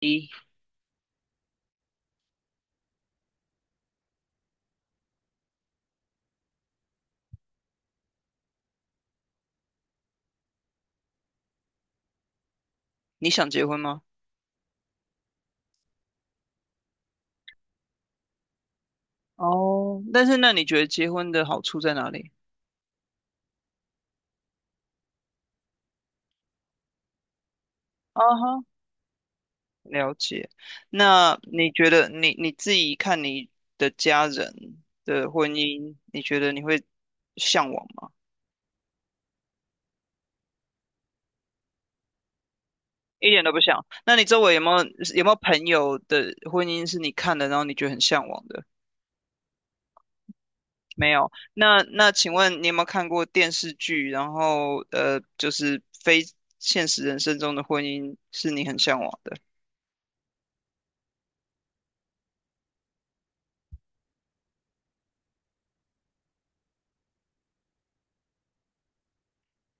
一，你想结婚吗？哦，但是那你觉得结婚的好处在哪里？啊哈，了解。那你觉得你自己看你的家人的婚姻，你觉得你会向往吗？一点都不想。那你周围有没有朋友的婚姻是你看的，然后你觉得很向往的？没有。那请问你有没有看过电视剧，然后就是非现实人生中的婚姻是你很向往的？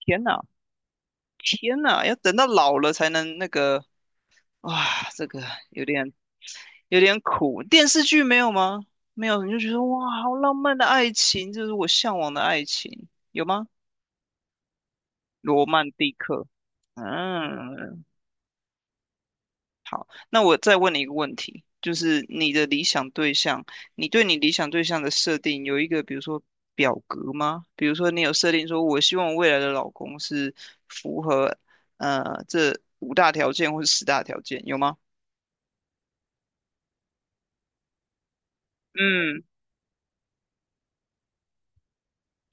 天哪！天呐，要等到老了才能那个，哇，这个有点有点苦。电视剧没有吗？没有，你就觉得哇，好浪漫的爱情，这是我向往的爱情，有吗？罗曼蒂克。嗯，好，那我再问你一个问题，就是你的理想对象，你对你理想对象的设定有一个，比如说表格吗？比如说你有设定说，我希望我未来的老公是符合这五大条件或者十大条件，有吗？嗯，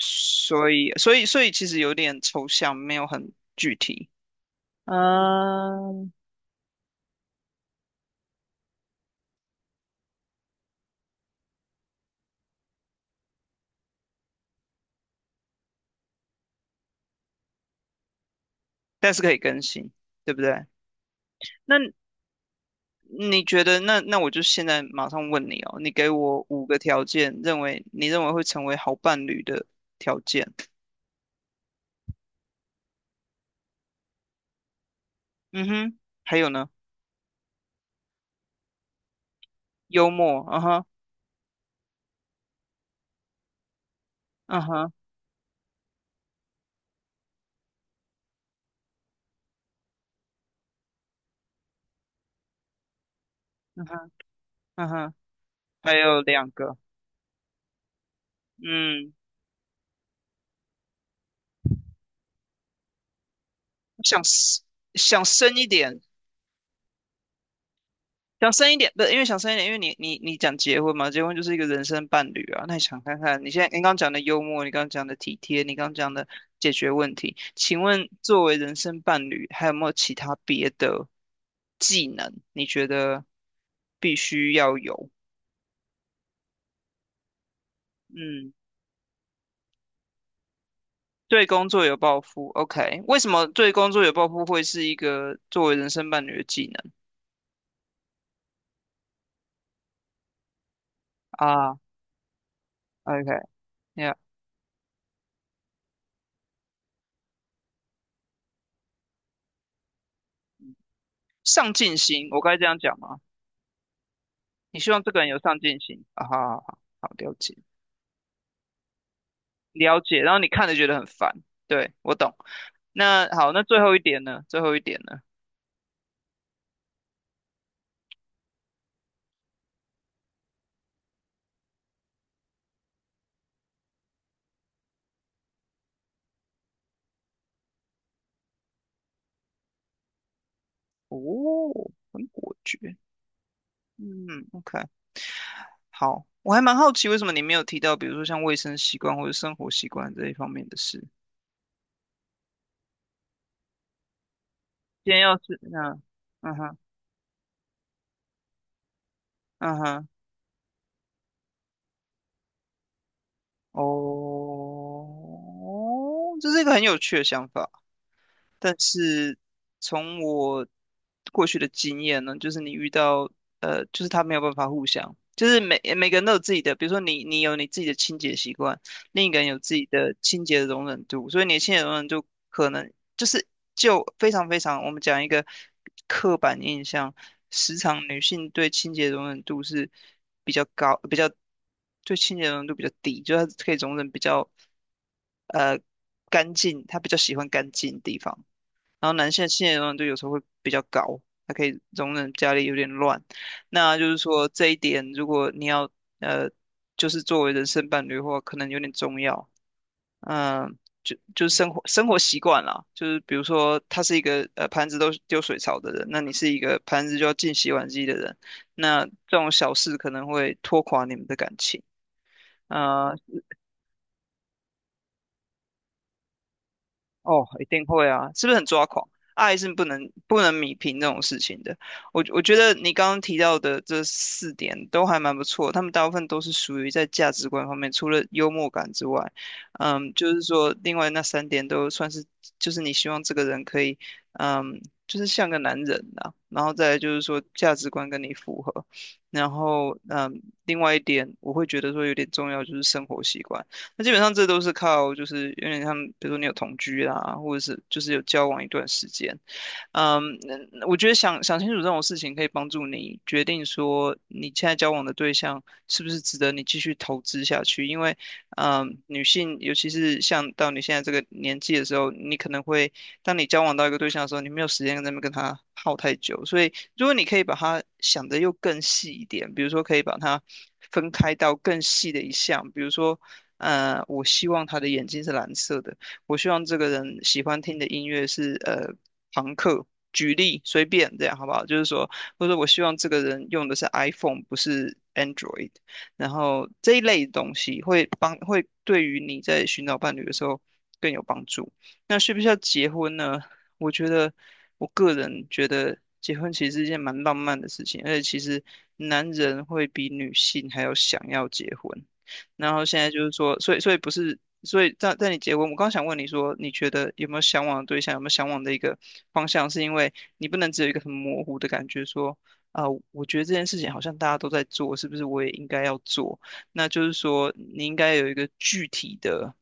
所以其实有点抽象，没有很具体。嗯，但是可以更新，对不对？那你觉得，那我就现在马上问你哦，你给我五个条件，你认为会成为好伴侣的条件。嗯哼，还有呢？幽默，嗯哼，嗯哼，嗯哼，嗯哼，还有两个，嗯，想 s- 想深一点，想深一点，不是因为想深一点，因为你讲结婚嘛，结婚就是一个人生伴侣啊。那你想看看，你现在你刚刚讲的幽默，你刚刚讲的体贴，你刚刚讲的解决问题，请问作为人生伴侣，还有没有其他别的技能？你觉得必须要有？嗯，对工作有抱负，OK？为什么对工作有抱负会是一个作为人生伴侣的技能啊？OK，yeah，上进心，我该这样讲吗？你希望这个人有上进心啊，好好好，好了解。了解，然后你看着觉得很烦，对，我懂。那好，那最后一点呢？最后一点呢？哦，很果决。嗯，OK，好，我还蛮好奇为什么你没有提到，比如说像卫生习惯或者生活习惯这一方面的事。今天要是那，嗯哼，嗯哼，哦，这是一个很有趣的想法。但是从我过去的经验呢，就是你遇到就是他没有办法互相，就是每个人都有自己的，比如说你有你自己的清洁习惯，另一个人有自己的清洁的容忍度，所以你的清洁容忍度可能就是非常非常，我们讲一个刻板印象，时常女性对清洁容忍度是比较高，比较对清洁容忍度比较低，就是她可以容忍比较呃干净，她比较喜欢干净的地方。然后男性新的容忍度有时候会比较高，他可以容忍家里有点乱。那就是说这一点，如果你要呃，就是作为人生伴侣的话，可能有点重要。嗯，就是生活习惯啦，就是比如说他是一个盘子都丢水槽的人，那你是一个盘子就要进洗碗机的人，那这种小事可能会拖垮你们的感情。呃哦，一定会啊，是不是很抓狂？爱是不能米平这种事情的。我觉得你刚刚提到的这4点都还蛮不错，他们大部分都是属于在价值观方面，除了幽默感之外，就是说另外那3点都算是，就是你希望这个人可以，嗯，就是像个男人呐、然后再来就是说价值观跟你符合，然后另外一点我会觉得说有点重要就是生活习惯。那基本上这都是靠，就是有点像，比如说你有同居啦，或者是就是有交往一段时间，嗯，那我觉得想想清楚这种事情，可以帮助你决定说你现在交往的对象是不是值得你继续投资下去。因为，女性尤其是像到你现在这个年纪的时候，你可能会，当你交往到一个对象的时候，你没有时间在那边跟他耗太久。所以，如果你可以把它想得又更细一点，比如说可以把它分开到更细的一项，比如说。我希望他的眼睛是蓝色的，我希望这个人喜欢听的音乐是朋克，举例随便这样好不好？就是说，或者说我希望这个人用的是 iPhone，不是 Android，然后这一类东西会对于你在寻找伴侣的时候更有帮助。那需不需要结婚呢？我觉得个人觉得结婚其实是一件蛮浪漫的事情，而且其实男人会比女性还要想要结婚。然后现在就是说，所以不是，所以在你结婚，我刚想问你说，你觉得有没有向往的对象，有没有向往的一个方向，是因为你不能只有一个很模糊的感觉说，啊、我觉得这件事情好像大家都在做，是不是我也应该要做？那就是说，你应该有一个具体的，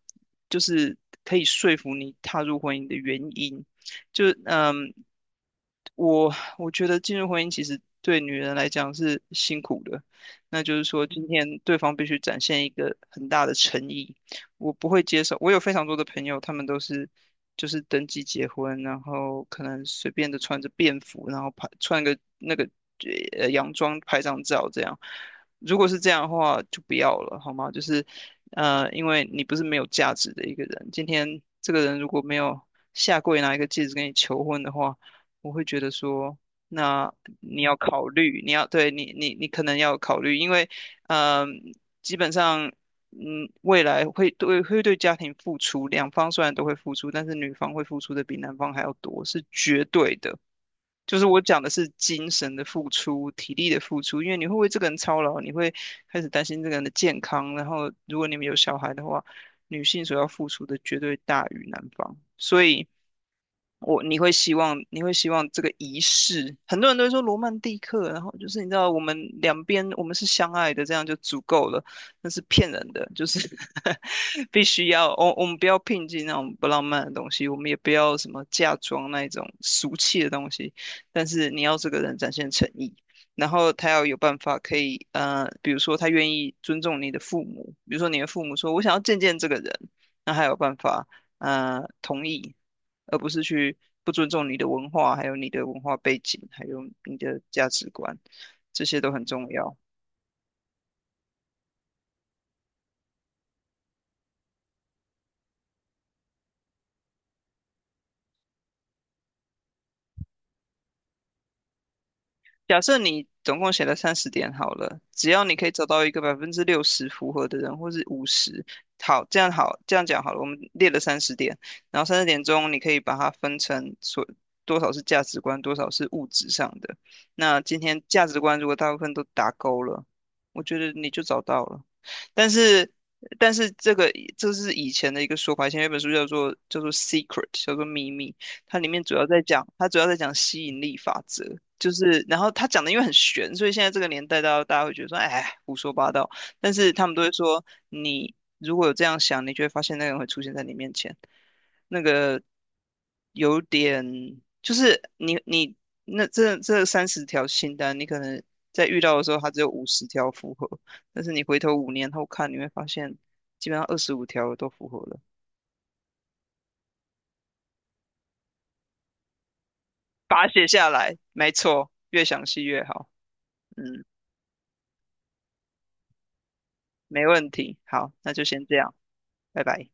就是可以说服你踏入婚姻的原因。就嗯我我觉得进入婚姻其实对女人来讲是辛苦的，那就是说今天对方必须展现一个很大的诚意，我不会接受。我有非常多的朋友，他们都是就是登记结婚，然后可能随便的穿着便服，然后拍穿个那个洋装拍张照这样。如果是这样的话，就不要了，好吗？就是因为你不是没有价值的一个人，今天这个人如果没有下跪拿一个戒指跟你求婚的话。我会觉得说，那你要考虑，你要对你可能要考虑，因为嗯、呃基本上未来会对家庭付出，两方虽然都会付出，但是女方会付出的比男方还要多，是绝对的。就是我讲的是精神的付出、体力的付出，因为你会为这个人操劳，你会开始担心这个人的健康，然后如果你们有小孩的话，女性所要付出的绝对大于男方，所以。你会希望这个仪式，很多人都会说罗曼蒂克，然后就是你知道我们两边我们是相爱的，这样就足够了，那是骗人的，就是 必须要我们不要聘金那种不浪漫的东西，我们也不要什么嫁妆那一种俗气的东西，但是你要这个人展现诚意，然后他要有办法可以，比如说他愿意尊重你的父母，比如说你的父母说我想要见见这个人，那他有办法。同意，而不是去不尊重你的文化，还有你的文化背景，还有你的价值观，这些都很重要。假设你总共写了三十点好了，只要你可以找到一个60%符合的人，或是五十，好，这样好，这样讲好了，我们列了三十点，然后30点钟你可以把它分成所多少是价值观，多少是物质上的。那今天价值观如果大部分都打勾了，我觉得你就找到了。但是，但是这个这是以前的一个说法，以前有一本书叫做《Secret》,叫做秘密，它里面主要在讲，它主要在讲吸引力法则。就是，然后他讲的因为很悬，所以现在这个年代，大家会觉得说，哎，胡说八道。但是他们都会说，你如果有这样想，你就会发现那个人会出现在你面前。那个有点，就是你那这这30条清单，你可能在遇到的时候，它只有50条符合，但是你回头5年后看，你会发现基本上25条都符合了。把它写下来，没错，越详细越好。嗯，没问题。好，那就先这样，拜拜。